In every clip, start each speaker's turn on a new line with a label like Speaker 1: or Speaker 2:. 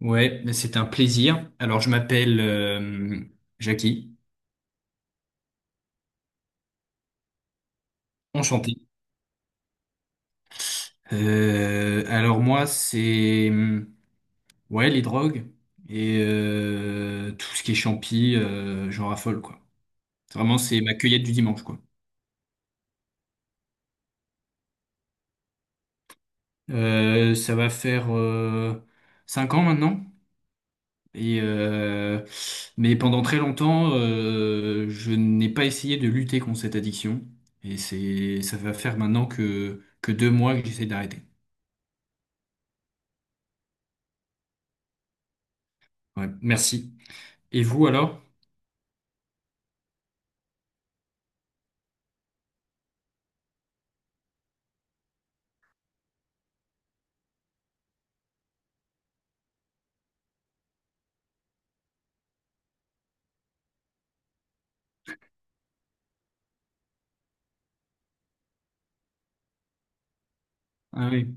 Speaker 1: Ouais, mais c'est un plaisir. Alors, je m'appelle Jackie, enchanté. Alors moi, c'est ouais les drogues et tout ce qui est champi, j'en raffole quoi. Vraiment, c'est ma cueillette du dimanche quoi. Ça va faire 5 ans maintenant. Et euh, mais pendant très longtemps, je n'ai pas essayé de lutter contre cette addiction. Et c'est ça va faire maintenant que 2 mois que j'essaie d'arrêter. Ouais, merci. Et vous alors? Ah oui,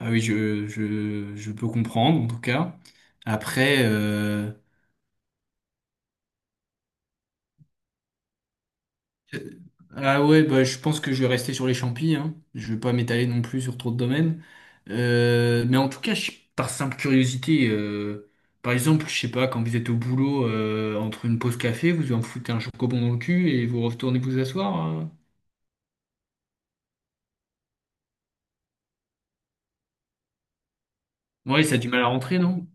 Speaker 1: ah oui, je peux comprendre en tout cas. Après, euh, ah ouais, bah, je pense que je vais rester sur les champis, hein. Je vais pas m'étaler non plus sur trop de domaines. Mais en tout cas, par simple curiosité, par exemple, je sais pas, quand vous êtes au boulot entre une pause café, vous en foutez un chocobon dans le cul et vous retournez vous asseoir, hein. Ouais, ça a du mal à rentrer, non?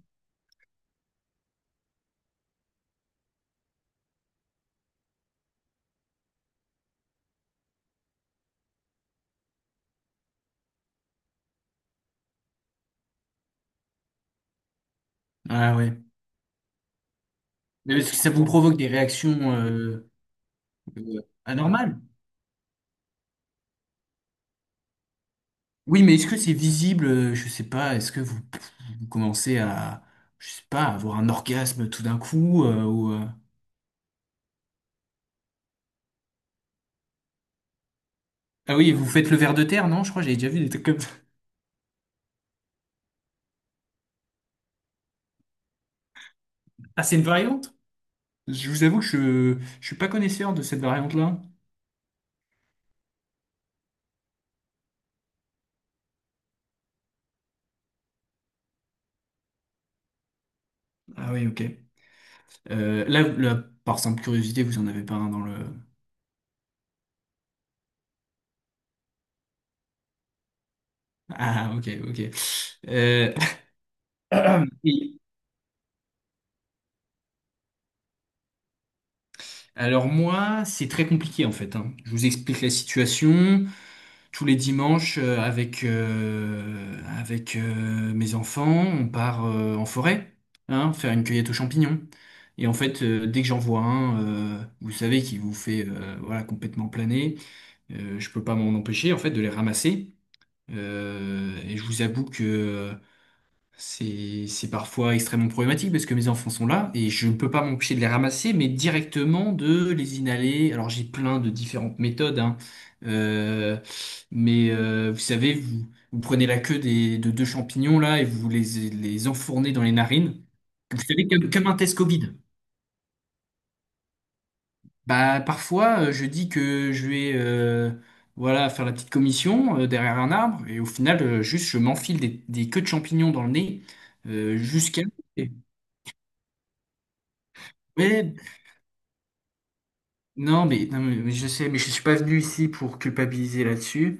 Speaker 1: Ah ouais. Mais parce que ça vous provoque des réactions euh, anormales. Oui, mais est-ce que c'est visible? Je sais pas. Est-ce que vous commencez à je sais pas, à avoir un orgasme tout d'un coup ou, ah oui, vous faites le ver de terre, non? Je crois que j'avais déjà vu des trucs comme ça. Ah, c'est une variante? Je vous avoue que je suis pas connaisseur de cette variante-là. Ah oui, ok. Là, par simple curiosité, vous en avez pas un dans le. Ah, ok, ok. Euh, Alors moi, c'est très compliqué en fait, hein. Je vous explique la situation. Tous les dimanches, avec mes enfants, on part en forêt, hein, faire une cueillette aux champignons. Et en fait, dès que j'en vois un, vous savez, qui vous fait voilà, complètement planer, je peux pas m'en empêcher en fait de les ramasser. Et je vous avoue que c'est parfois extrêmement problématique parce que mes enfants sont là et je ne peux pas m'empêcher de les ramasser, mais directement de les inhaler. Alors j'ai plein de différentes méthodes, hein. Euh, mais vous savez, vous prenez la queue de deux champignons là et les enfournez dans les narines. Vous savez, comme un test Covid. Bah parfois je dis que je vais voilà faire la petite commission derrière un arbre et au final juste je m'enfile des queues de champignons dans le nez jusqu'à ouais, non, mais, non, mais je sais, mais je suis pas venu ici pour culpabiliser là-dessus.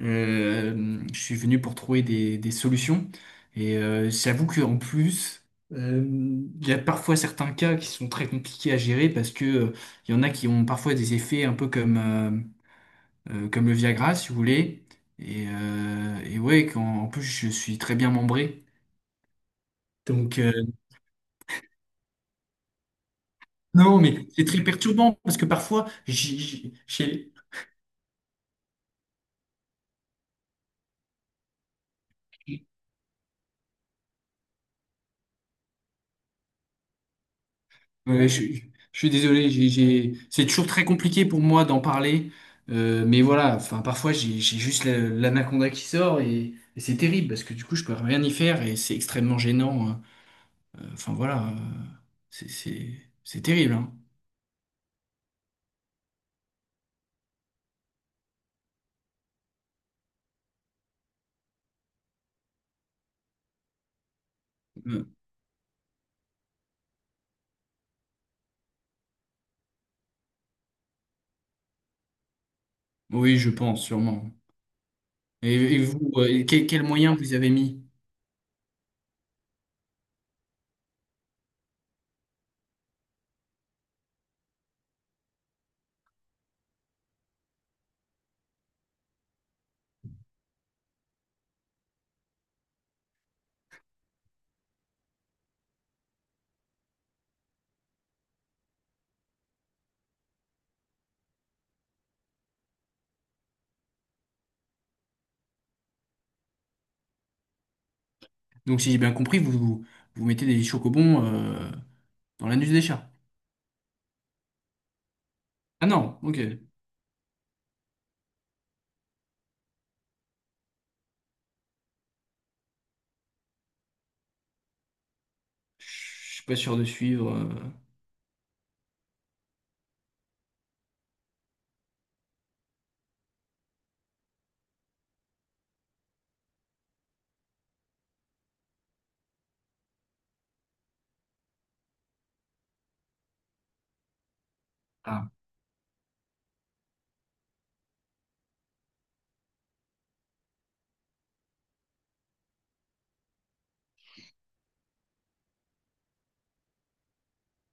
Speaker 1: Je suis venu pour trouver des solutions. J'avoue qu'en plus, euh, il y a parfois certains cas qui sont très compliqués à gérer parce que il y en a qui ont parfois des effets un peu comme le Viagra, si vous voulez. Et ouais, quand, en plus, je suis très bien membré. Donc, euh, non, mais c'est très perturbant parce que parfois, ouais, je suis désolé, c'est toujours très compliqué pour moi d'en parler, mais voilà, enfin parfois j'ai juste l'anaconda qui sort et c'est terrible parce que du coup je peux rien y faire et c'est extrêmement gênant, hein. Enfin voilà, c'est c'est c'est terrible, hein. Euh, Oui, je pense sûrement. Et vous, et quel moyen vous avez mis? Donc si j'ai bien compris, vous mettez des chocobons dans l'anus des chats. Ah non, ok. Je suis pas sûr de suivre, Ah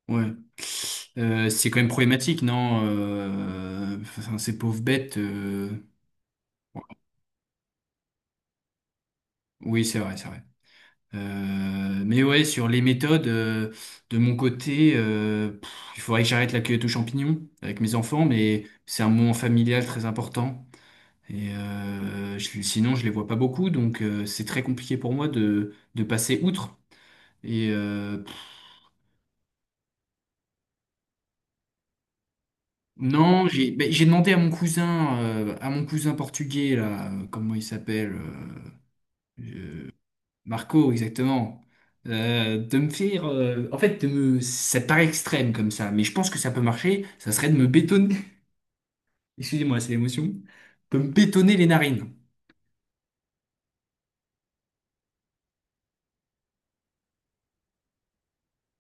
Speaker 1: ouais. C'est quand même problématique, non? Enfin, ces pauvres bêtes, oui, c'est vrai, c'est vrai. Mais ouais, sur les méthodes, de mon côté, il faudrait que j'arrête la cueillette aux champignons avec mes enfants, mais c'est un moment familial très important. Sinon, je les vois pas beaucoup, donc c'est très compliqué pour moi de passer outre. Et euh, pff, non, j'ai ben, j'ai demandé à mon cousin portugais là, comment il s'appelle, Marco, exactement. De me faire, en fait, de me... ça paraît extrême comme ça, mais je pense que ça peut marcher. Ça serait de me bétonner. Excusez-moi, c'est l'émotion. De me bétonner les narines.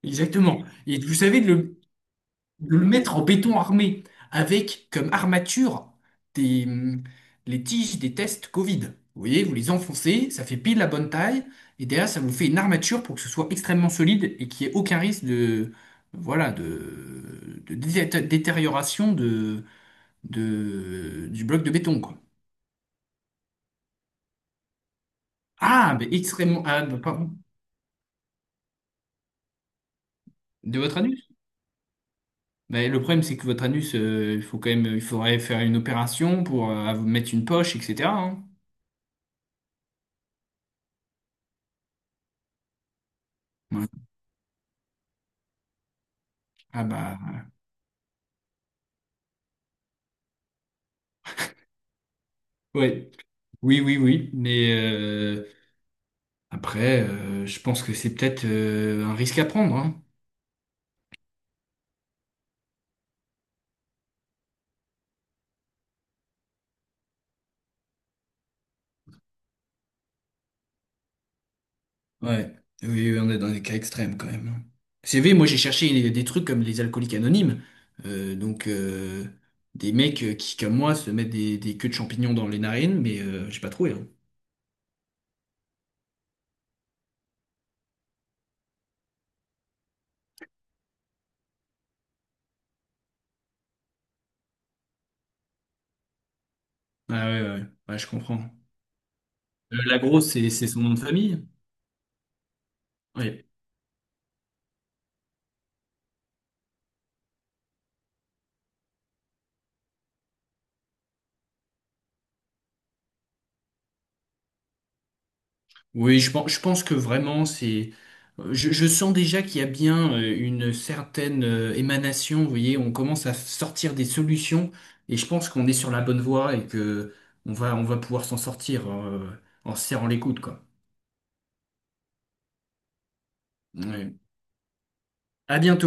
Speaker 1: Exactement. Et vous savez, de le mettre en béton armé avec comme armature des, hum, les tiges des tests Covid. Vous voyez, vous les enfoncez, ça fait pile la bonne taille, et derrière, ça vous fait une armature pour que ce soit extrêmement solide et qu'il n'y ait aucun risque voilà, de détérioration du bloc de béton, quoi. Ah, mais extrêmement. Ah, bah, pardon. De votre anus? Ben, le problème, c'est que votre anus, il faut quand même, il faudrait faire une opération pour vous mettre une poche, etc, hein. Ouais. Ah bah ouais. Oui, oui, oui. Mais après, je pense que c'est peut-être un risque à prendre, hein. Ouais. Oui, oui, on est dans des cas extrêmes quand même, hein. Vous savez, moi j'ai cherché des trucs comme les alcooliques anonymes. Euh, donc euh, des mecs qui, comme moi, se mettent des queues de champignons dans les narines, mais j'ai pas trouvé, hein. Ah ouais, ouais, ouais, ouais, je comprends. La grosse, c'est son nom de famille. Oui. Oui, je pense que vraiment, c'est. Je sens déjà qu'il y a bien une certaine émanation, vous voyez, on commence à sortir des solutions et je pense qu'on est sur la bonne voie et que on va pouvoir s'en sortir en se serrant les coudes, quoi. Ouais. À bientôt.